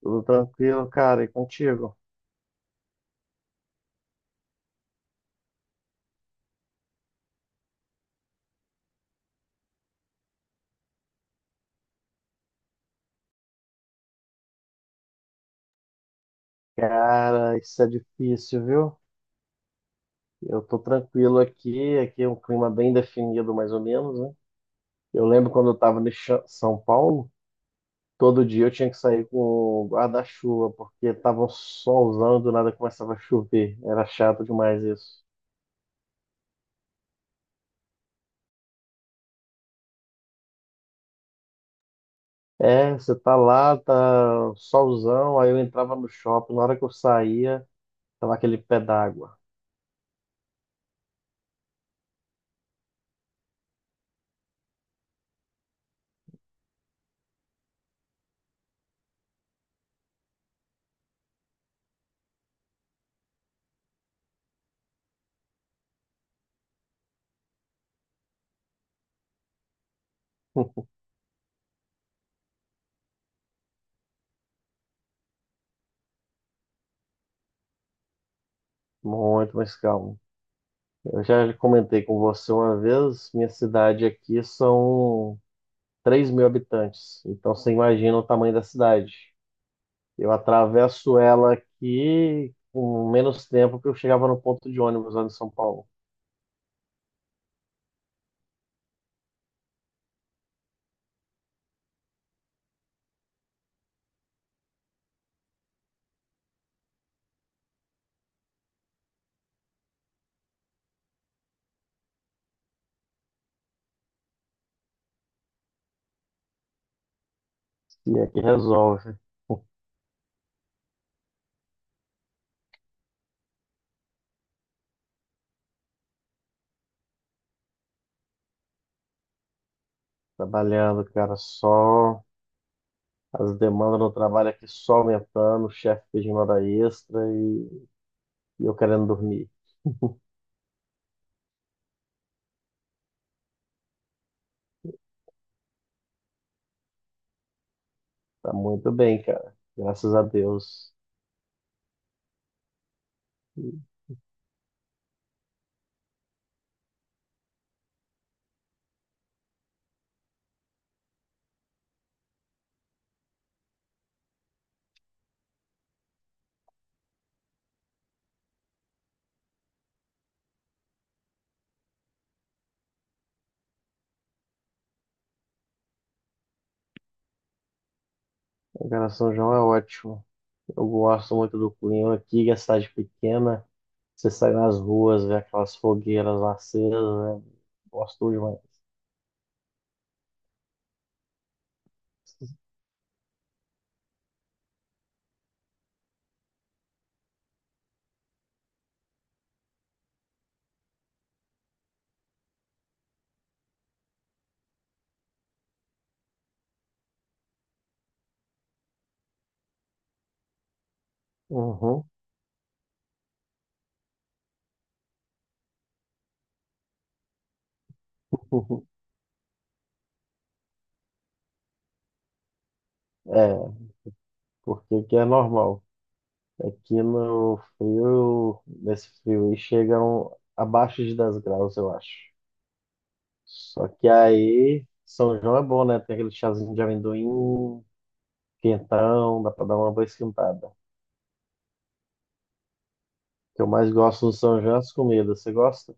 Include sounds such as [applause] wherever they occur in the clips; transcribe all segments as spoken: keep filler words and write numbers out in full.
Tudo tranquilo, cara, e contigo? Cara, isso é difícil, viu? Eu tô tranquilo aqui, aqui é um clima bem definido, mais ou menos, né? Eu lembro quando eu tava em Cha- São Paulo, todo dia eu tinha que sair com o guarda-chuva, porque tava um solzão e do nada começava a chover. Era chato demais isso. É, você tá lá, tá solzão, aí eu entrava no shopping, na hora que eu saía, tava aquele pé d'água. [laughs] Muito mais calmo. Eu já comentei com você uma vez, minha cidade aqui são três mil habitantes, então você imagina o tamanho da cidade. Eu atravesso ela aqui com menos tempo que eu chegava no ponto de ônibus lá em São Paulo. E aqui resolve, né? Trabalhando, cara, só as demandas no trabalho aqui só aumentando, o chefe pedindo hora extra e, e eu querendo dormir. Tá muito bem, cara, graças a Deus. A São João é ótimo. Eu gosto muito do clima aqui, que é cidade pequena. Você sai nas ruas, vê aquelas fogueiras acesas, né? Gosto demais. Uhum. [laughs] É, porque aqui é normal. Aqui no frio, nesse frio aí, chegam abaixo de dez graus, eu acho. Só que aí, São João é bom, né? Tem aquele chazinho de amendoim, quentão, dá pra dar uma boa esquentada. O que eu mais gosto no São João é as comidas. Você gosta?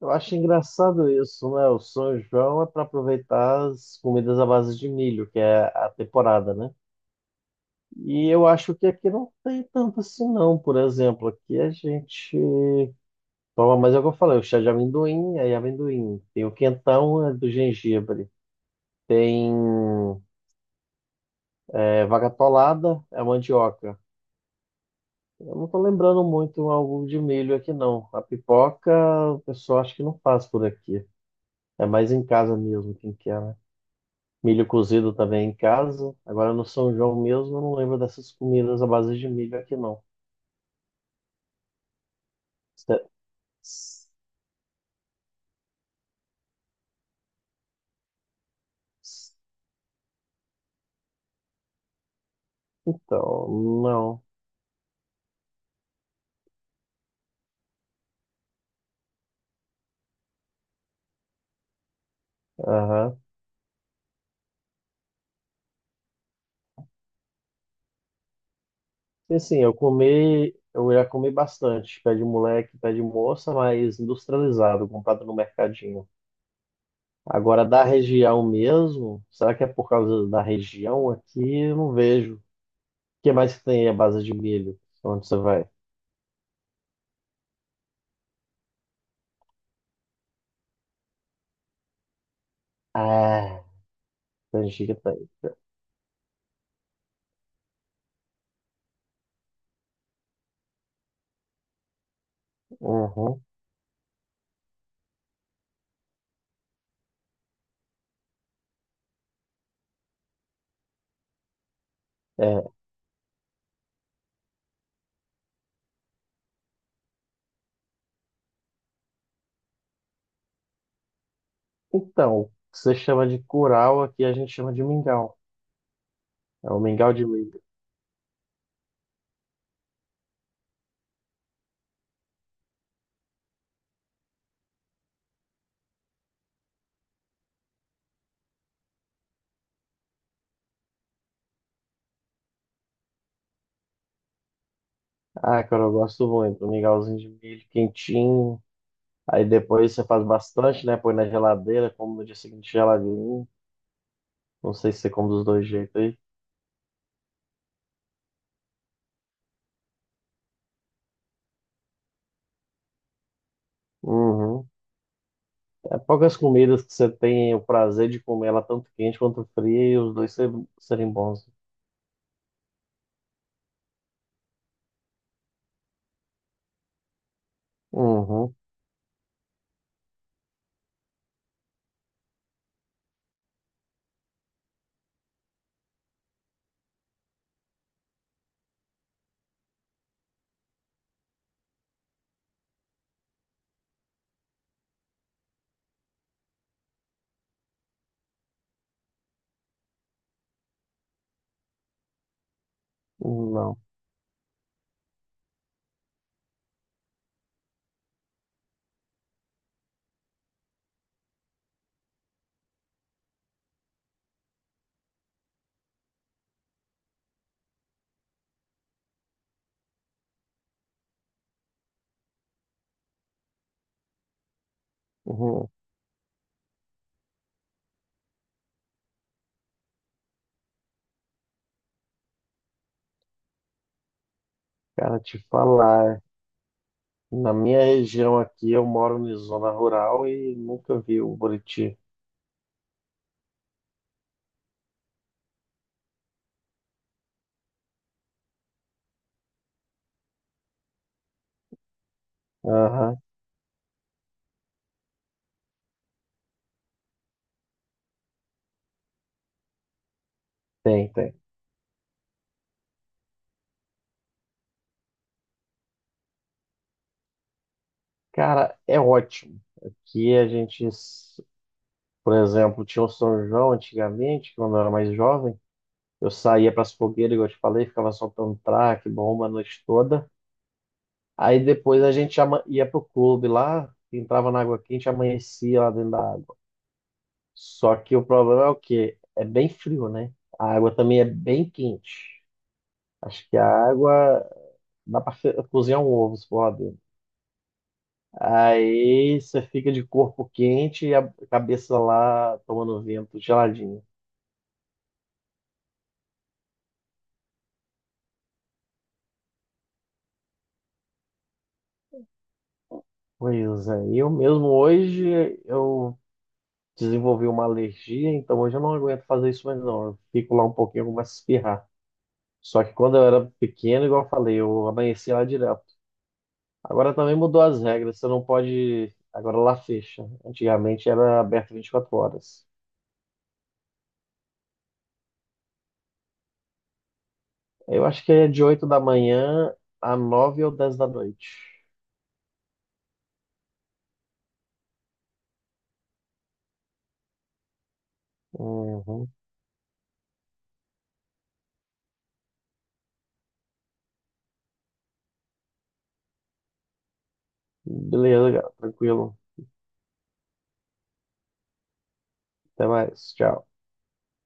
Eu acho engraçado isso, né? O São João é para aproveitar as comidas à base de milho, que é a temporada, né? E eu acho que aqui não tem tanto assim, não. Por exemplo, aqui a gente toma, mas é o que eu falei, o chá de amendoim, aí amendoim. Tem o quentão, é do gengibre. Tem é, vaca atolada, é mandioca. Eu não tô lembrando muito algo de milho aqui, não. A pipoca, o pessoal acho que não faz por aqui. É mais em casa mesmo quem quer, né? Milho cozido também em casa. Agora no São João mesmo, eu não lembro dessas comidas à base de milho aqui, não. Cê- Então, não. Aham. Sim, sim, eu comi, eu já comi bastante. Pé de moleque, pé de moça, mas industrializado, comprado no mercadinho. Agora, da região mesmo, será que é por causa da região aqui? Eu não vejo. O que mais que tem aí à base de milho? Onde você vai? Ah, canjica tem. Uhum. É. Então, o que você chama de curau, aqui a gente chama de mingau. É o mingau de milho. Ah, cara, eu gosto muito. Um mingauzinho de milho quentinho. Aí depois você faz bastante, né? Põe na geladeira, como no dia seguinte geladinho. Não sei se você come dos dois jeitos aí. Uhum. É poucas comidas que você tem o prazer de comer ela tanto quente quanto fria e os dois ser- serem bons. Uhum. Não. Uhum. Cara, te falar. Na minha região aqui, eu moro em zona rural e nunca vi o Buriti. Aham, tem, tem. Cara, é ótimo que a gente, s- por exemplo, tinha o São João antigamente, quando eu era mais jovem, eu saía para as fogueiras, igual eu te falei, ficava soltando traque, bomba a noite toda. Aí depois a gente ama- ia pro clube lá, entrava na água quente, amanhecia lá dentro da água. Só que o problema é o quê? É bem frio, né? A água também é bem quente. Acho que a água dá para cozinhar um ovo se for lá dentro. Aí você fica de corpo quente e a cabeça lá tomando vento geladinho. Pois é, e eu mesmo hoje eu desenvolvi uma alergia, então hoje eu não aguento fazer isso mais não. Eu fico lá um pouquinho, eu começo a espirrar. Só que quando eu era pequeno, igual eu falei, eu amanhecia lá direto. Agora também mudou as regras, você não pode. Agora lá fecha. Antigamente era aberto vinte e quatro horas. Eu acho que é de oito da manhã a nove ou dez da noite. Uhum. Beleza, cara. Tranquilo. Até mais. Tchau.